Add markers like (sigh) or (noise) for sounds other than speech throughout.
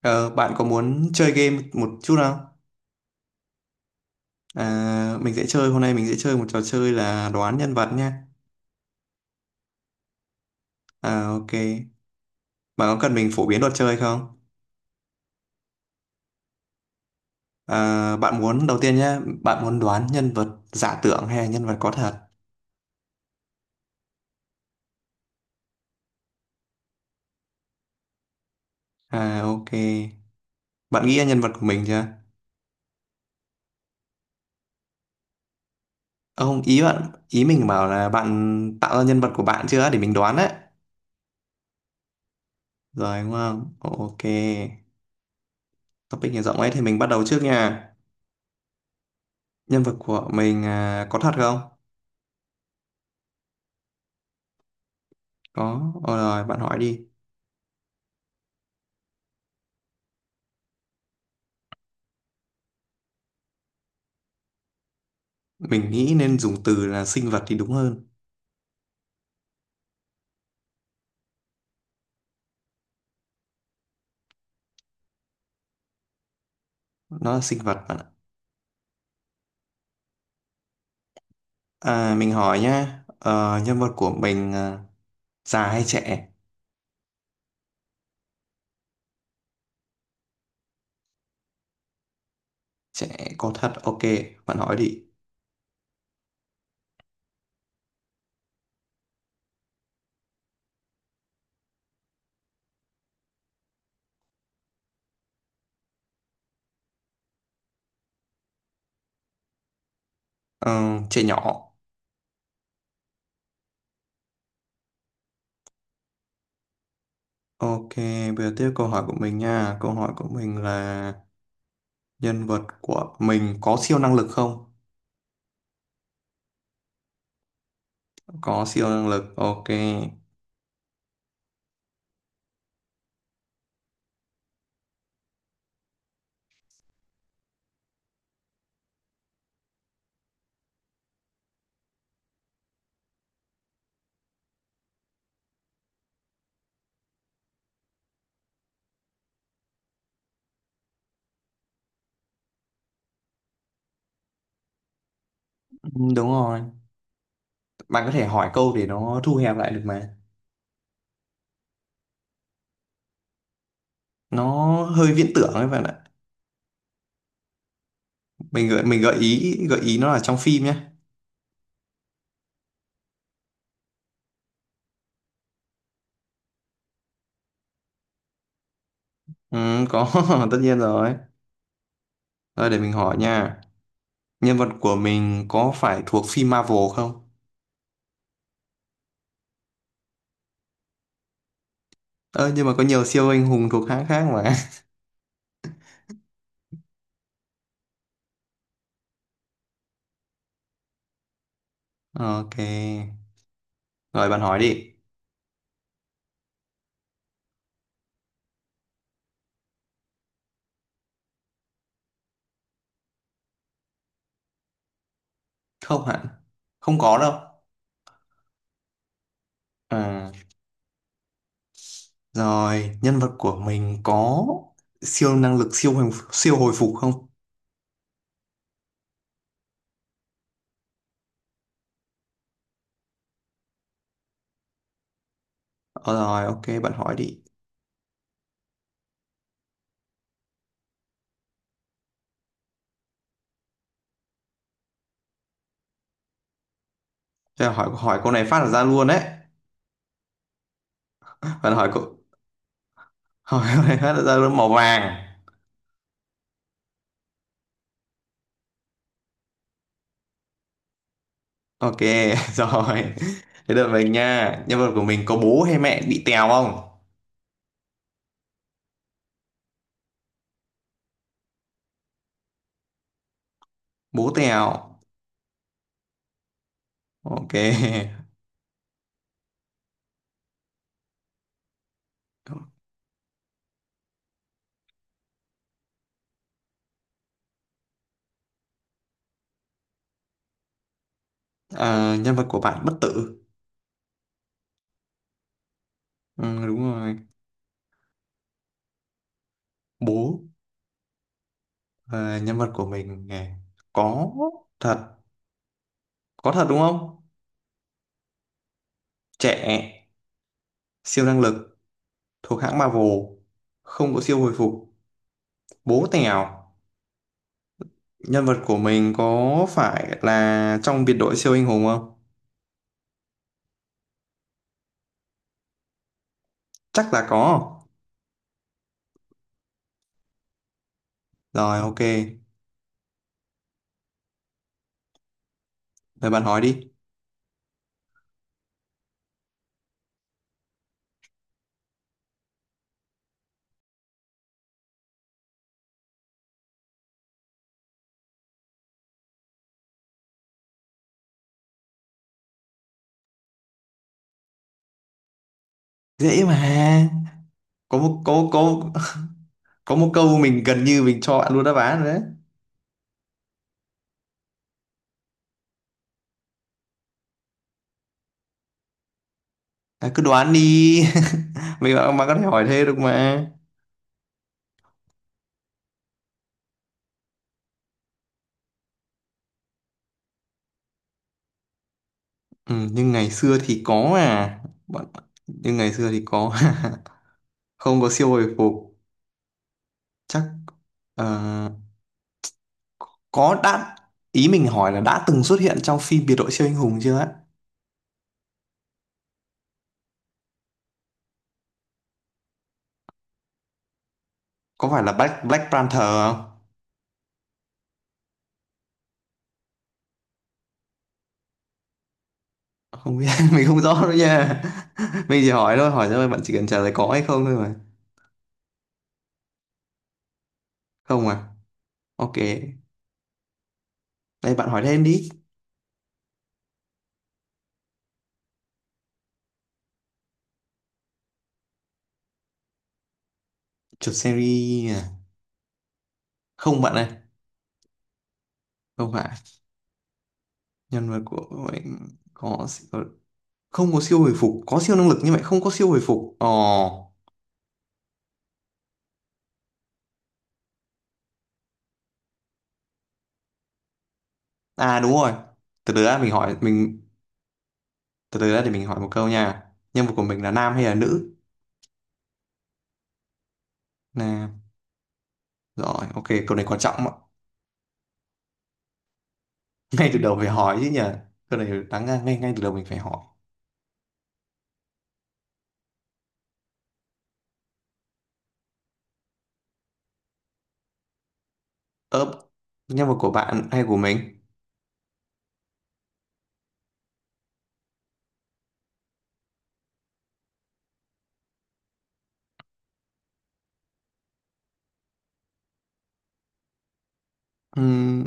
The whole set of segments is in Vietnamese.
Ờ, Bạn có muốn chơi game một chút không? Mình sẽ chơi hôm nay mình sẽ chơi một trò chơi là đoán nhân vật nha. Ok. Bạn có cần mình phổ biến luật chơi không? Bạn muốn đầu tiên nhá, bạn muốn đoán nhân vật giả tưởng hay là nhân vật có thật? Ok. Bạn nghĩ ra nhân vật của mình chưa? Ờ, Không, ý mình bảo là bạn tạo ra nhân vật của bạn chưa để mình đoán đấy. Rồi đúng không? Ok. Topic này rộng ấy thì mình bắt đầu trước nha. Nhân vật của mình à, có thật không? Có. Ờ, Rồi bạn hỏi đi. Mình nghĩ nên dùng từ là sinh vật thì đúng hơn. Nó là sinh vật bạn ạ. À, mình hỏi nhá, nhân vật của mình à, già hay trẻ? Trẻ có thật, ok, bạn hỏi đi. Ờ, Trẻ nhỏ. Ok, bây giờ tiếp câu hỏi của mình nha. Câu hỏi của mình là nhân vật của mình có siêu năng lực không? Có siêu năng lực, ok. Ừ, đúng rồi. Bạn có thể hỏi câu để nó thu hẹp lại được mà. Nó hơi viễn tưởng ấy bạn ạ. Mình gợi ý nó là trong phim nhé. Ừ, có, (laughs) tất nhiên rồi. Rồi để mình hỏi nha. Nhân vật của mình có phải thuộc phim Marvel không? Ơ nhưng mà có nhiều siêu anh hùng thuộc hãng khác mà. (laughs) Ok. Rồi bạn hỏi đi. Không hẳn. Không có đâu. À, Rồi, nhân vật của mình có siêu năng lực siêu hồi phục không? Ờ, Rồi, ok, bạn hỏi đi. Thế là hỏi hỏi câu này phát là ra luôn đấy. Bạn hỏi câu (laughs) hỏi câu này phát là ra luôn màu vàng. Ok, (laughs) rồi. Thế đợi mình nha. Nhân vật của mình có bố hay mẹ bị tèo không? Bố tèo. Ok. (laughs) Ờ, nhân vật của bạn bất tử. Ừ, đúng rồi. Bố. Ờ, nhân vật của mình à, có thật. Có thật đúng không? Trẻ. Siêu năng lực. Thuộc hãng Marvel. Không có siêu hồi phục. Bố tèo. Nhân vật của mình có phải là trong biệt đội siêu anh hùng không? Chắc là có. Rồi, ok. Rồi bạn hỏi đi. Dễ mà. Có có một câu mình gần như mình cho bạn luôn đáp án rồi đấy. Cứ đoán đi. (laughs) mình bạn bạn có thể hỏi thế được mà. Ừ, nhưng ngày xưa thì có à bạn, nhưng ngày xưa thì có. (laughs) Không có siêu hồi phục chắc, ờ, có đã, ý mình hỏi là đã từng xuất hiện trong phim biệt đội siêu anh hùng chưa á. Có phải là Black Black Panther không? Không biết, (laughs) mình không rõ nữa nha. (laughs) Mình chỉ hỏi thôi, bạn chỉ cần trả lời có hay không thôi mà. Không à? Ok, đây bạn hỏi thêm đi. Chuột series à? Không bạn ơi. Không phải. Nhân vật của mình có siêu- Không có siêu hồi phục, có siêu năng lực nhưng mà không có siêu hồi phục. Ồ, à đúng rồi. Từ từ đã mình hỏi mình từ từ đã để mình hỏi một câu nha. Nhân vật của mình là nam hay là nữ? Nam. Rồi ok, câu này quan trọng ạ. (laughs) Ngay từ đầu phải hỏi chứ nhỉ, câu này đáng ra ngay ngay từ đầu mình phải hỏi. Ớp, nhân vật của bạn hay của mình? Ừm,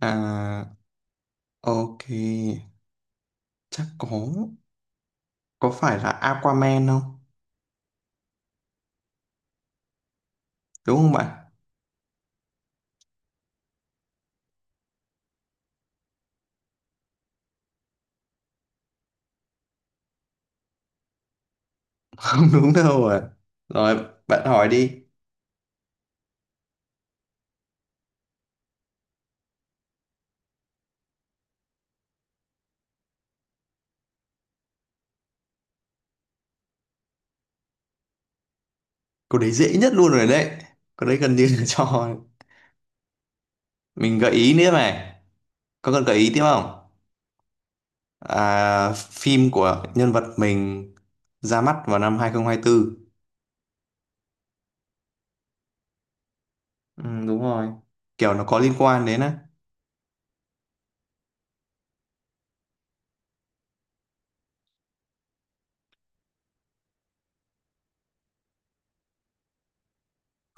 à ok, chắc có. Có phải là Aquaman không, đúng không bạn? Không đúng đâu à. Rồi, bạn hỏi đi. Câu đấy dễ nhất luôn rồi đấy. Câu đấy gần như là (laughs) cho mình gợi ý nữa này. Có cần gợi ý tiếp không? À, phim của nhân vật mình ra mắt vào năm 2024. Ừ, đúng rồi. Kiểu nó có liên quan đến á.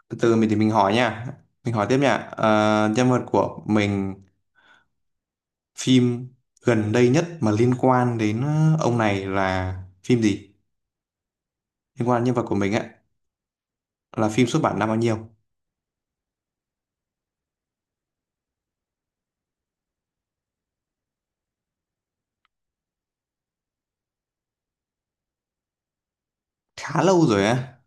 Từ từ mình thì mình hỏi nha. Mình hỏi tiếp nha. À, nhân vật của mình, phim gần đây nhất mà liên quan đến ông này là phim gì? Liên quan đến nhân vật của mình á, là phim xuất bản năm bao nhiêu? Khá lâu rồi á.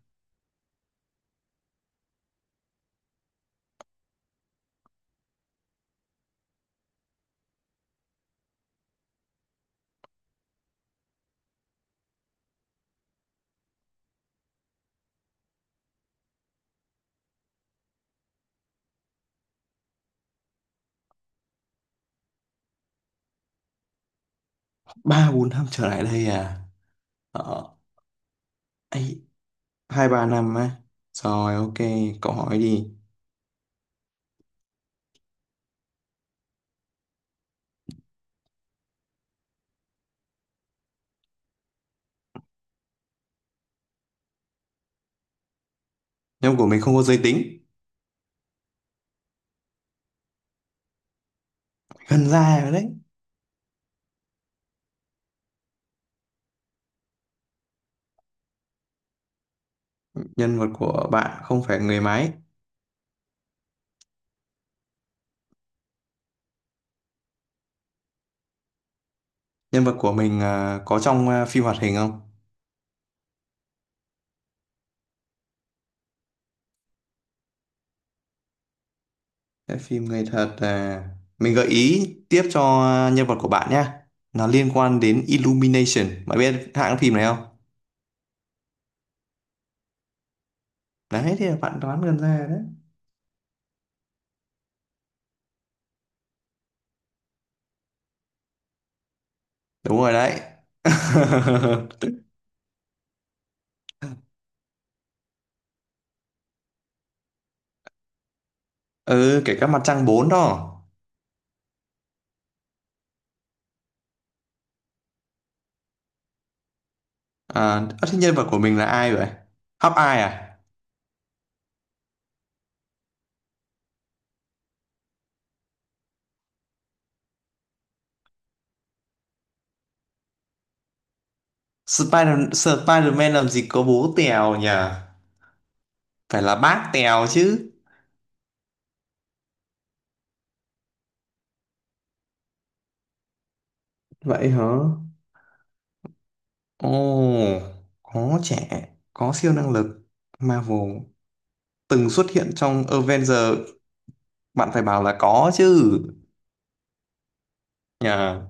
Ba bốn năm trở lại đây à? ờ, Ấy, hai ba năm á? Rồi ok, cậu hỏi đi. Nhân vật của mình không có giới tính. Gần ra rồi đấy. Nhân vật của bạn không phải người máy. Nhân vật của mình à, có trong à, phim hoạt hình không? Cái phim người thật à. Mình gợi ý tiếp cho, à, nhân vật của bạn nhá, nó liên quan đến Illumination, bạn biết hãng phim này không? Đấy thì bạn đoán gần ra rồi đấy. Đúng rồi đấy. (laughs) Ừ kể cả Mặt Trăng 4 đó. À, ơ, thế nhân vật của mình là ai vậy? Hóc ai à? Spider-Man làm gì có bố Tèo nhỉ? Phải là bác Tèo chứ. Vậy hả? Ồ, có trẻ, có siêu năng lực. Marvel, từng xuất hiện trong Avengers, bạn phải bảo là có chứ. Nhờ.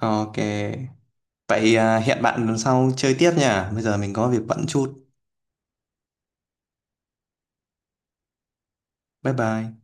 Ok. Vậy à, hẹn bạn lần sau chơi tiếp nha. Bây giờ mình có việc bận chút. Bye bye.